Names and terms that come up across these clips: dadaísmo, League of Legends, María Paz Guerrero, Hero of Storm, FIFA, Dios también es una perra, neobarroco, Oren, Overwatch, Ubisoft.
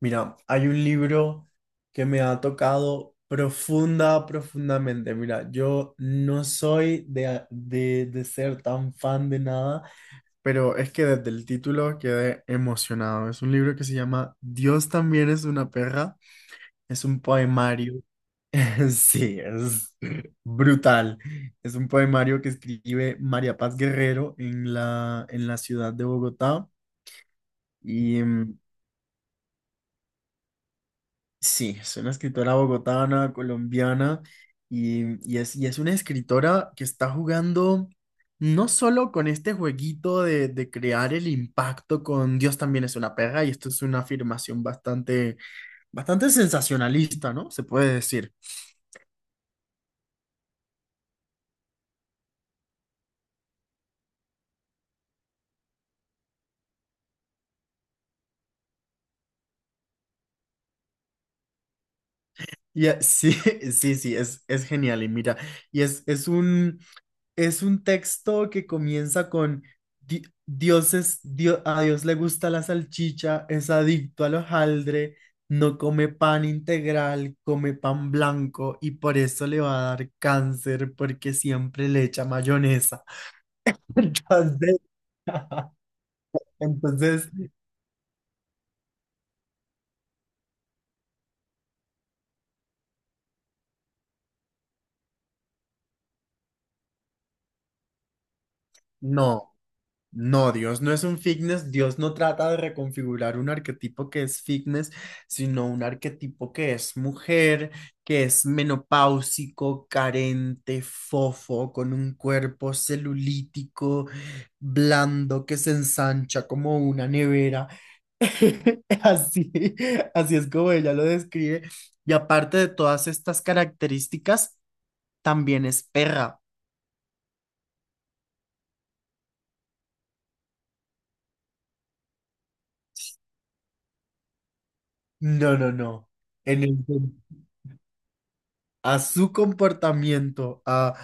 Mira, hay un libro que me ha tocado profundamente. Mira, yo no soy de ser tan fan de nada, pero es que desde el título quedé emocionado. Es un libro que se llama Dios también es una perra. Es un poemario. Sí, es brutal. Es un poemario que escribe María Paz Guerrero en la ciudad de Bogotá. y mm, Sí, es una escritora bogotana, colombiana, y, y es una escritora que está jugando no solo con este jueguito de crear el impacto con Dios también es una perra, y esto es una afirmación bastante sensacionalista, ¿no? Se puede decir. Sí, sí, es genial. Y mira, es un... Es un texto que comienza con Dios es, a Dios le gusta la salchicha, es adicto al hojaldre, no come pan integral, come pan blanco y por eso le va a dar cáncer porque siempre le echa mayonesa. Entonces, entonces, no. No, Dios no es un fitness, Dios no trata de reconfigurar un arquetipo que es fitness, sino un arquetipo que es mujer, que es menopáusico, carente, fofo, con un cuerpo celulítico, blando, que se ensancha como una nevera. Así, así es como ella lo describe. Y aparte de todas estas características, también es perra. No, no, no. En el, a su comportamiento, a...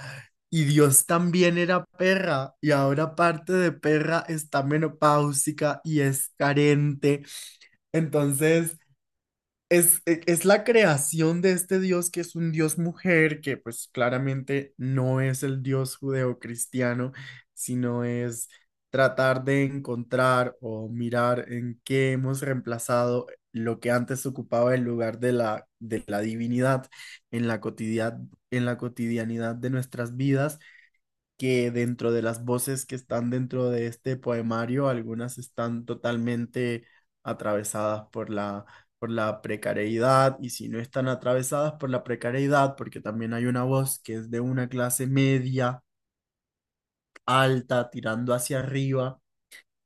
Y Dios también era perra, y ahora aparte de perra está menopáusica y es carente. Entonces, es la creación de este Dios que es un Dios mujer, que pues claramente no es el Dios judeocristiano, sino es tratar de encontrar o mirar en qué hemos reemplazado lo que antes ocupaba el lugar de la divinidad en en la cotidianidad de nuestras vidas, que dentro de las voces que están dentro de este poemario, algunas están totalmente atravesadas por por la precariedad. Y si no están atravesadas por la precariedad, porque también hay una voz que es de una clase media, alta, tirando hacia arriba,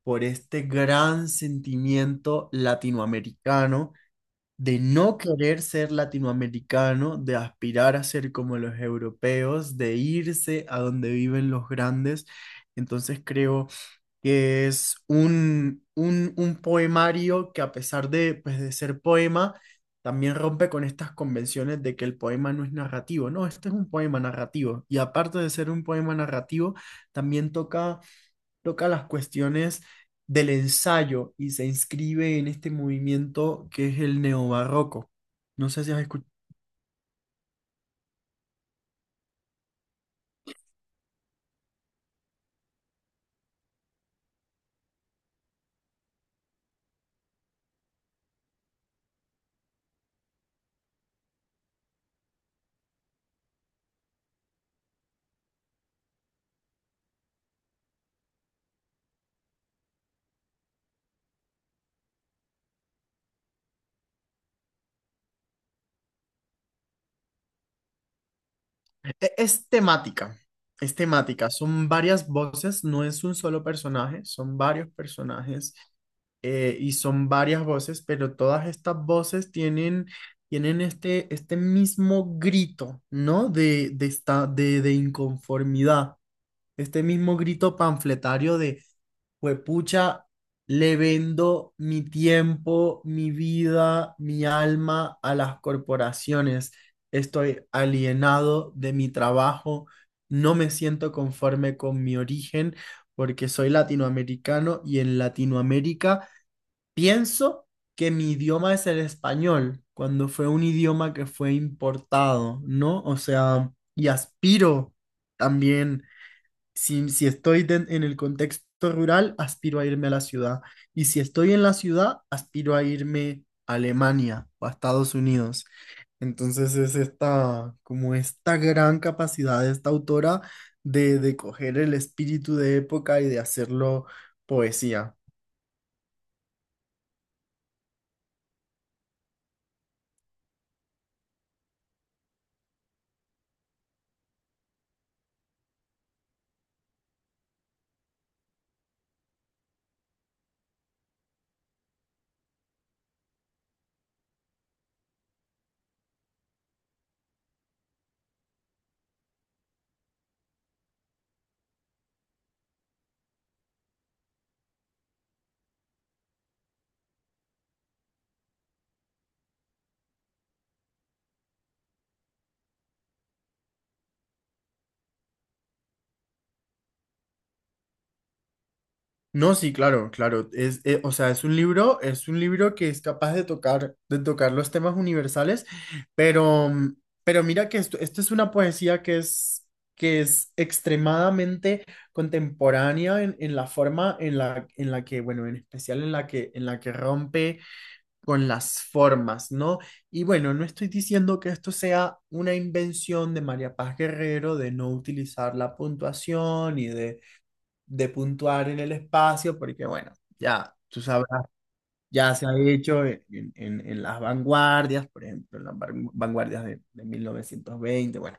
por este gran sentimiento latinoamericano de no querer ser latinoamericano, de aspirar a ser como los europeos, de irse a donde viven los grandes. Entonces creo que es un poemario que a pesar de, pues, de ser poema, también rompe con estas convenciones de que el poema no es narrativo. No, este es un poema narrativo. Y aparte de ser un poema narrativo, también toca las cuestiones del ensayo y se inscribe en este movimiento que es el neobarroco. No sé si has escuchado. Es es temática. Son varias voces, no es un solo personaje, son varios personajes, y son varias voces, pero todas estas voces tienen este mismo grito, ¿no? De inconformidad. Este mismo grito panfletario de, huepucha, le vendo mi tiempo, mi vida, mi alma a las corporaciones. Estoy alienado de mi trabajo, no me siento conforme con mi origen porque soy latinoamericano y en Latinoamérica pienso que mi idioma es el español, cuando fue un idioma que fue importado, ¿no? O sea, y aspiro también, si estoy en el contexto rural, aspiro a irme a la ciudad. Y si estoy en la ciudad, aspiro a irme a Alemania o a Estados Unidos. Entonces es esta, como esta gran capacidad de esta autora de coger el espíritu de época y de hacerlo poesía. No, sí, claro, claro. Es, o sea, es un libro que es capaz de tocar los temas universales, pero, mm, pero mira que esto es una poesía que es extremadamente contemporánea en la forma en en la que, bueno, en especial en la que rompe con las formas, ¿no? Y bueno, no estoy diciendo que esto sea una invención de María Paz Guerrero, de no utilizar la puntuación y de puntuar en el espacio, porque bueno, ya tú sabrás, ya se ha hecho en las vanguardias, por ejemplo, en las vanguardias de 1920, bueno.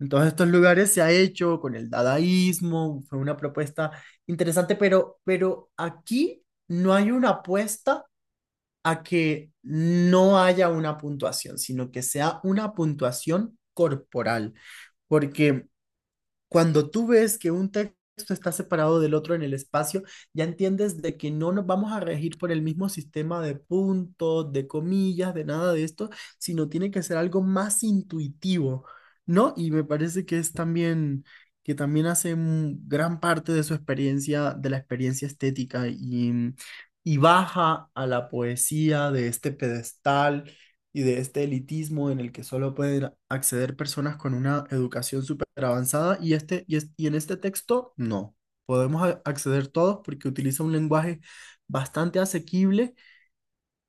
En todos estos lugares se ha hecho con el dadaísmo, fue una propuesta interesante, pero aquí no hay una apuesta a que no haya una puntuación, sino que sea una puntuación corporal, porque cuando tú ves que un texto está separado del otro en el espacio, ya entiendes de que no nos vamos a regir por el mismo sistema de puntos, de comillas, de nada de esto, sino tiene que ser algo más intuitivo, ¿no? Y me parece que es también, que también hace mm, gran parte de su experiencia, de la experiencia estética y baja a la poesía de este pedestal y de este elitismo en el que solo pueden acceder personas con una educación súper avanzada y, este, y en este texto no. Podemos acceder todos porque utiliza un lenguaje bastante asequible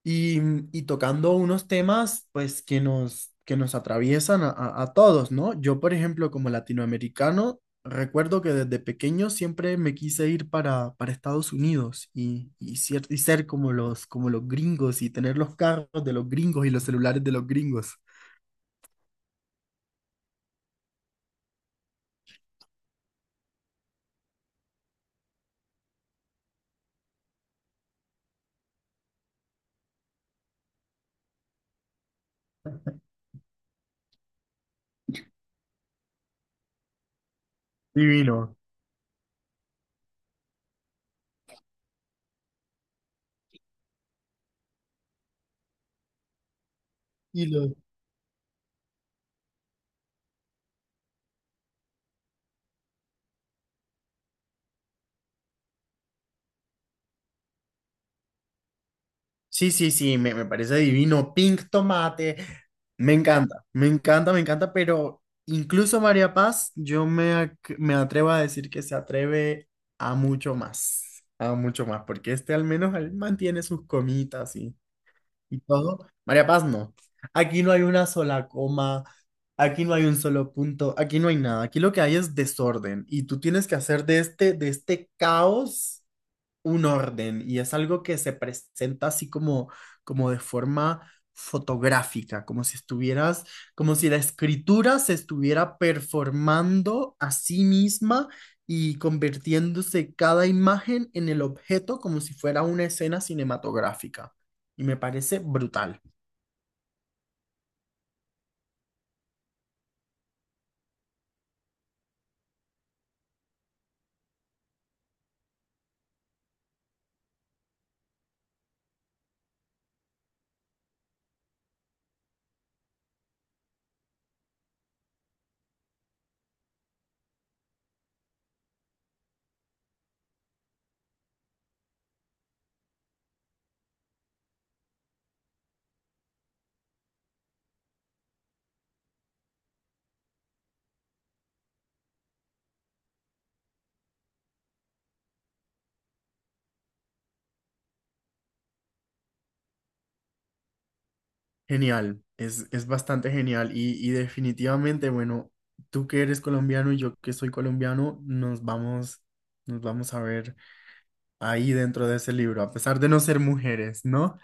y, y tocando unos temas, pues que nos atraviesan a todos, ¿no? Yo, por ejemplo, como latinoamericano, recuerdo que desde pequeño siempre me quise ir para Estados Unidos y, y ser como como los gringos y tener los carros de los gringos y los celulares de los gringos. Divino. Sí, sí, sí, me parece divino. Pink tomate. Me encanta, me encanta, me encanta, pero incluso María Paz, yo me atrevo a decir que se atreve a mucho más, porque este al menos él mantiene sus comitas y todo. María Paz no. Aquí no hay una sola coma, aquí no hay un solo punto, aquí no hay nada. Aquí lo que hay es desorden y tú tienes que hacer de de este caos un orden, y es algo que se presenta así como, como de forma fotográfica, como si estuvieras, como si la escritura se estuviera performando a sí misma y convirtiéndose cada imagen en el objeto, como si fuera una escena cinematográfica. Y me parece brutal, genial. Es bastante genial y definitivamente, bueno, tú que eres colombiano y yo que soy colombiano, nos vamos a ver ahí dentro de ese libro, a pesar de no ser mujeres, ¿no?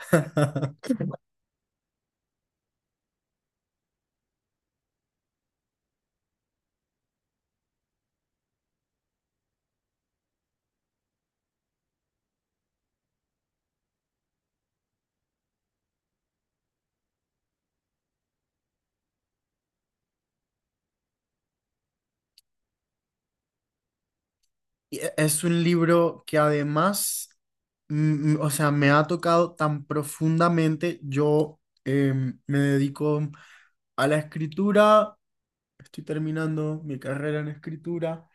Y es un libro que además, mm, mm, o sea, me ha tocado tan profundamente. Yo me dedico a la escritura, estoy terminando mi carrera en escritura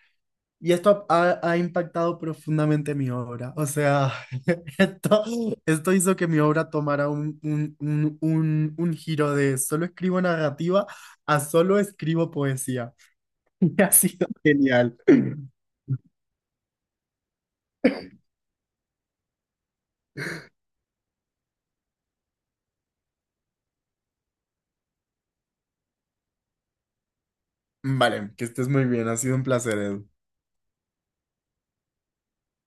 y esto ha, ha impactado profundamente mi obra. O sea, esto, esto hizo que mi obra tomara un giro de solo escribo narrativa a solo escribo poesía. Ha sido genial. Vale, que estés muy bien. Ha sido un placer, Edu.